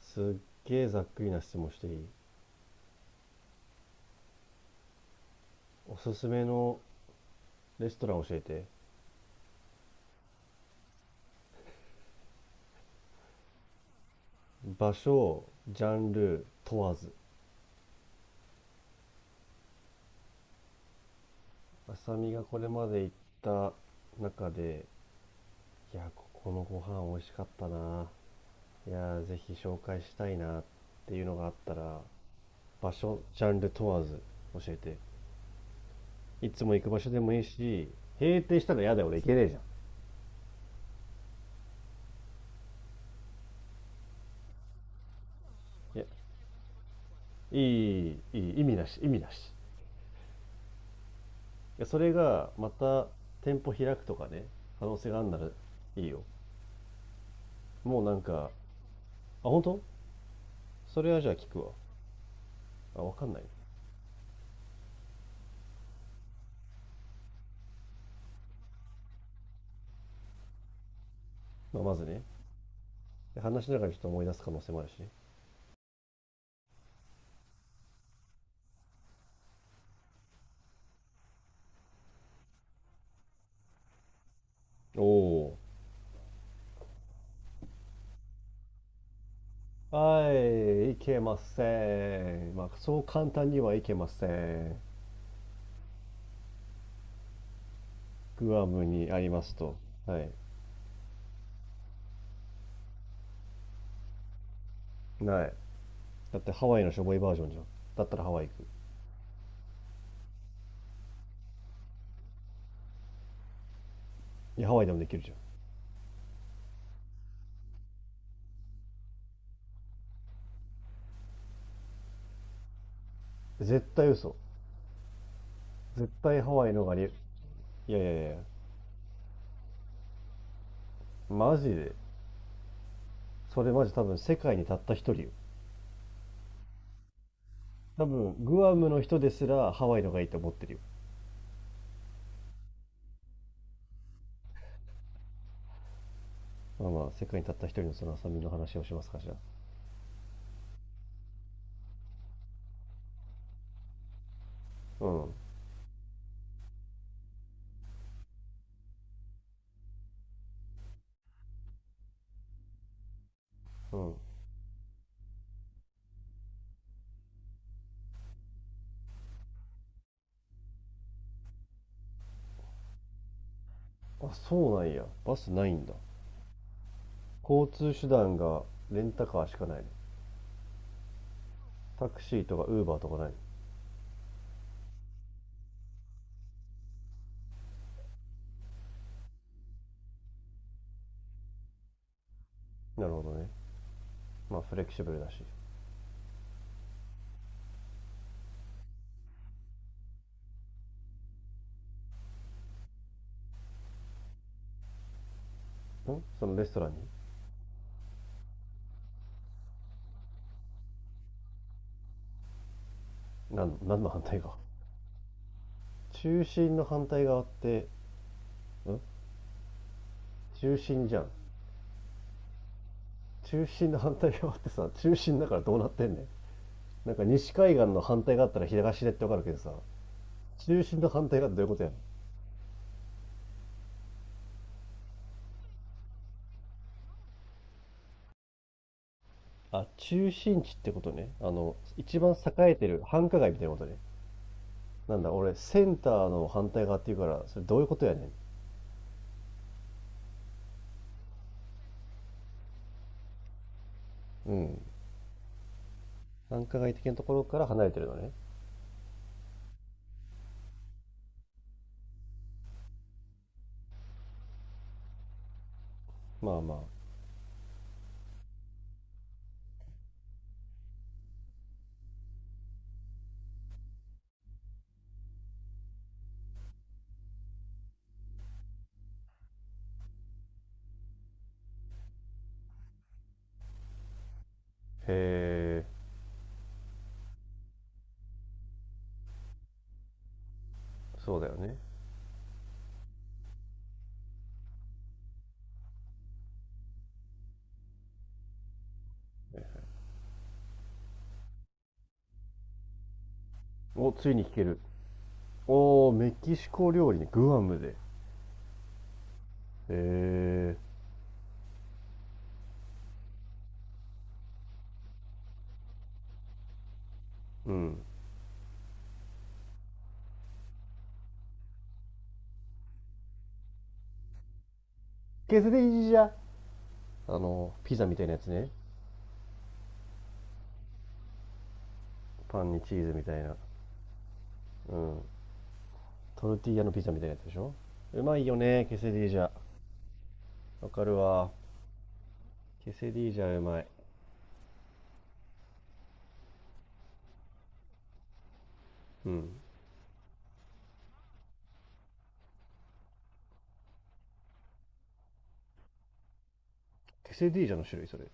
すっげえざっくりな質問していい？おすすめのレストラン教えて。場所ジャンル問わず、あさみがこれまで行った中で、いやここのご飯美味しかったな、いやぜひ紹介したいなっていうのがあったら、場所ジャンル問わず教えて。いつも行く場所でもいいし。閉店したら嫌だよ、俺行けねえじゃん。いやいいいいいい、意味なし意味なし。いやそれがまた店舗開くとかね、可能性があるならいいよ。もうなんかあ、本当？それはじゃあ聞くわ。あ、分かんない、まあ、まずね、話しながらちょっと思い出す可能性もあるしね。おお。はい、いけません、まあそう簡単にはいけません。グアムにありますと。はい。ないだってハワイのしょぼいバージョンじゃん。だったらハワイ行く。いやハワイでもできるじゃん。絶対嘘。絶対ハワイのがありえる。いやいやいや。マジで？それマジ多分世界にたった一人よ。多分グアムの人ですらハワイのがいいと思ってるよ。まあまあ世界にたった一人のその浅見の話をしますかしら。うんうん。あ、そうなんや、バスないんだ。交通手段がレンタカーしかないね。タクシーとかウーバーとかない？なるほどね。まあフレキシブルだし。そのレストランに？何、何の反対側？中心の反対側って？ん中心じゃん。中心の反対側ってさ、中心だからどうなってんねん。なんか西海岸の反対があったら東でってわかるけどさ、中心の反対がってどういうことやん？あ、中心地ってことね。あの、一番栄えてる繁華街みたいなことね。なんだ、俺、センターの反対側っていうから、それどういうことやねん。うん。繁華街的なところから離れてるのね。まあまあ。へえ。そうだよね。お、ついに聞ける。おー、メキシコ料理ね、グアムで。へえ、うん。ケセディジじゃ。あの、ピザみたいなやつね。パンにチーズみたいな。うん。トルティーヤのピザみたいなやつでしょ。うまいよね、ケセディージャ。わかるわ。ケセディージャうまい。うん。ケセディージャの種類それ。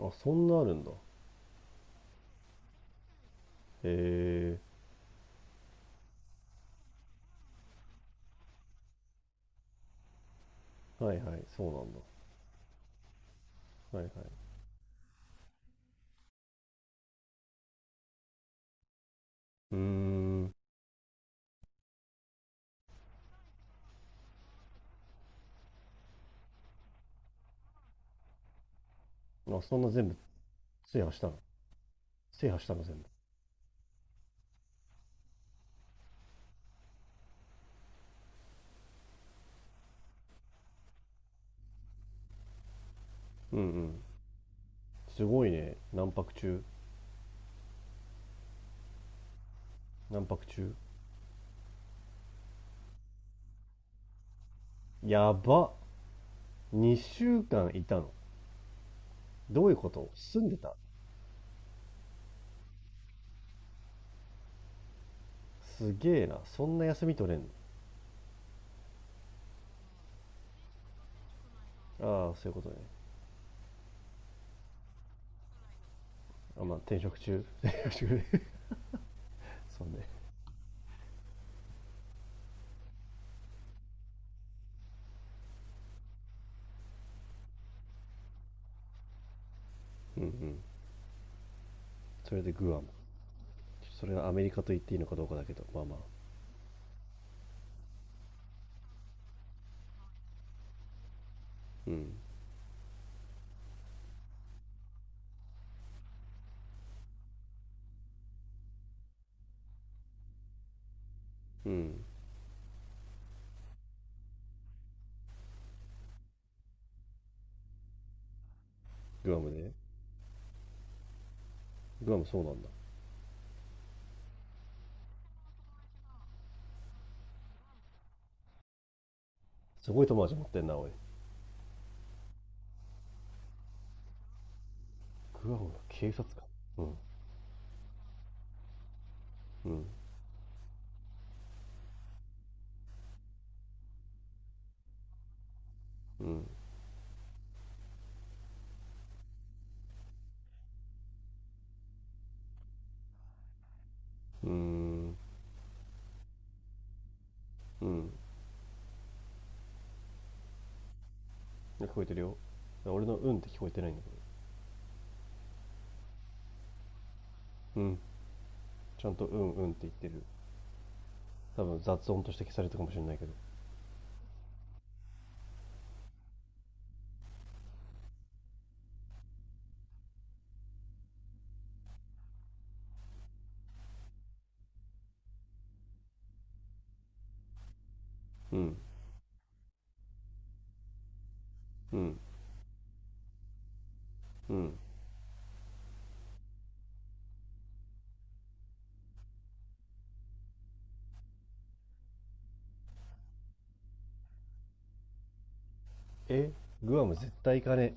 あ、そんなあるんだ。へえ。はいはい、そうなんだ。はいはい。うーん。あ、そんな全部制覇したの？制覇したの全部。うんうん。すごいね。何泊中？何泊中？やば。2週間いたの。どういうこと、住んでた？すげえな。そんな休み取れんの。ああ、そういうことね。あ、まあ、転職中。転職中で。そうね。うんうん。それでグアム。それがアメリカと言っていいのかどうかだけど、まあまあ。うんうん。グアムで、グアムそうなんだ。すごい友達持ってんなおい。グアムの警察官。うんうん。うん。うーん。うん。聞こえてるよ。俺の「うん」って聞こえてないんだけど。うん。ちゃんと「うんうん」って言ってる。多分雑音として消されたかもしれないけど。うんうん。うん。え、グアム絶対行かね、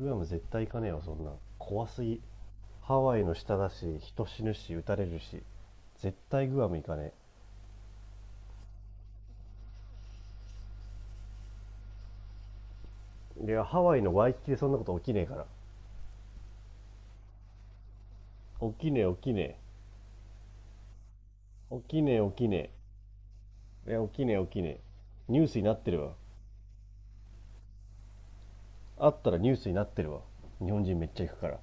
え、グアム絶対行かねえわ、そんな怖すぎ。ハワイの下だし、人死ぬし撃たれるし、絶対グアム行かねえ。いや、ハワイのワイキキでそんなこと起きねえから。起きねえ、起きねえ。起きねえ、起きねえ。いや、起きねえ、起きねえ。ニュースになってるわ。あったらニュースになってるわ。日本人めっちゃ行くから。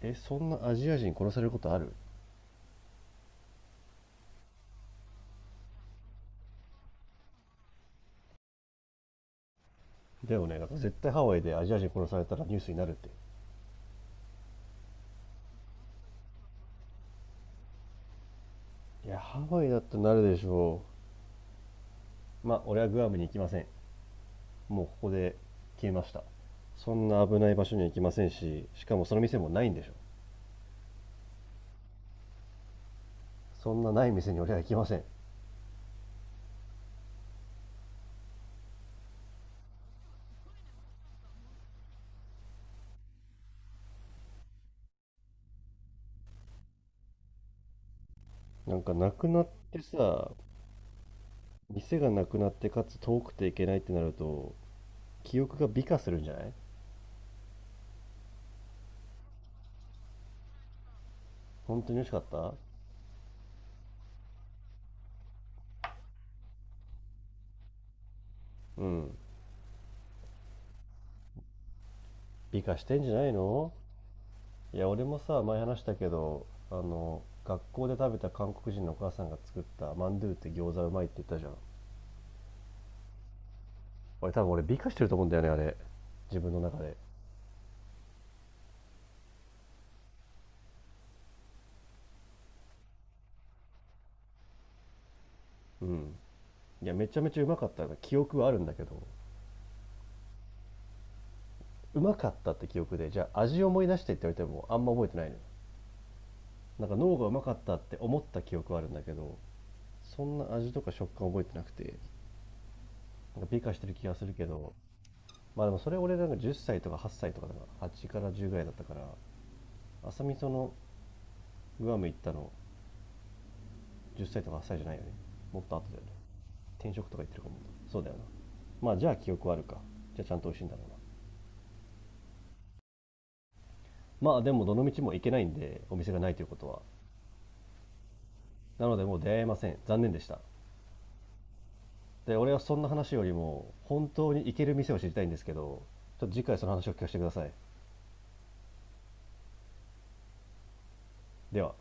え、そんなアジア人殺されることある？だよね。なんか絶対ハワイでアジア人殺されたらニュースになるって。いや、ハワイだってなるでしょう。まあ、俺はグアムに行きません。もうここで消えました。そんな危ない場所には行きませんし、しかもその店もないんでしょ。そんなない店に俺は行きません。なんかなくなってさ、店がなくなってかつ遠くていけないってなると、記憶が美化するんじゃない？本当に美味しかった？うん。美化してんじゃないの？いや、俺もさ、前話したけど、あの、学校で食べた韓国人のお母さんが作ったマンドゥって餃子うまいって言ったじゃん。俺多分、俺美化してると思うんだよね、あれ。自分の中で。うん。いや、めちゃめちゃうまかった記憶はあるんだけど、うまかったって記憶で、じゃあ味思い出してって言われてもあんま覚えてないのよ。なんか脳がうまかったって思った記憶はあるんだけど、そんな味とか食感覚えてなくて、なんか美化してる気がするけど。まあでもそれ俺なんか10歳とか8歳とかだから、8から10ぐらいだったから、朝味その、グアム行ったの10歳とか8歳じゃないよね、もっと後だよね。転職とか行ってるかも。そうだよな。まあじゃあ記憶はあるか。じゃあちゃんと美味しいんだろうな。まあでもどの道も行けないんで、お店がないということは、なのでもう出会えません、残念でした。で、俺はそんな話よりも本当に行ける店を知りたいんですけど、ちょっと次回その話を聞かせてください。では。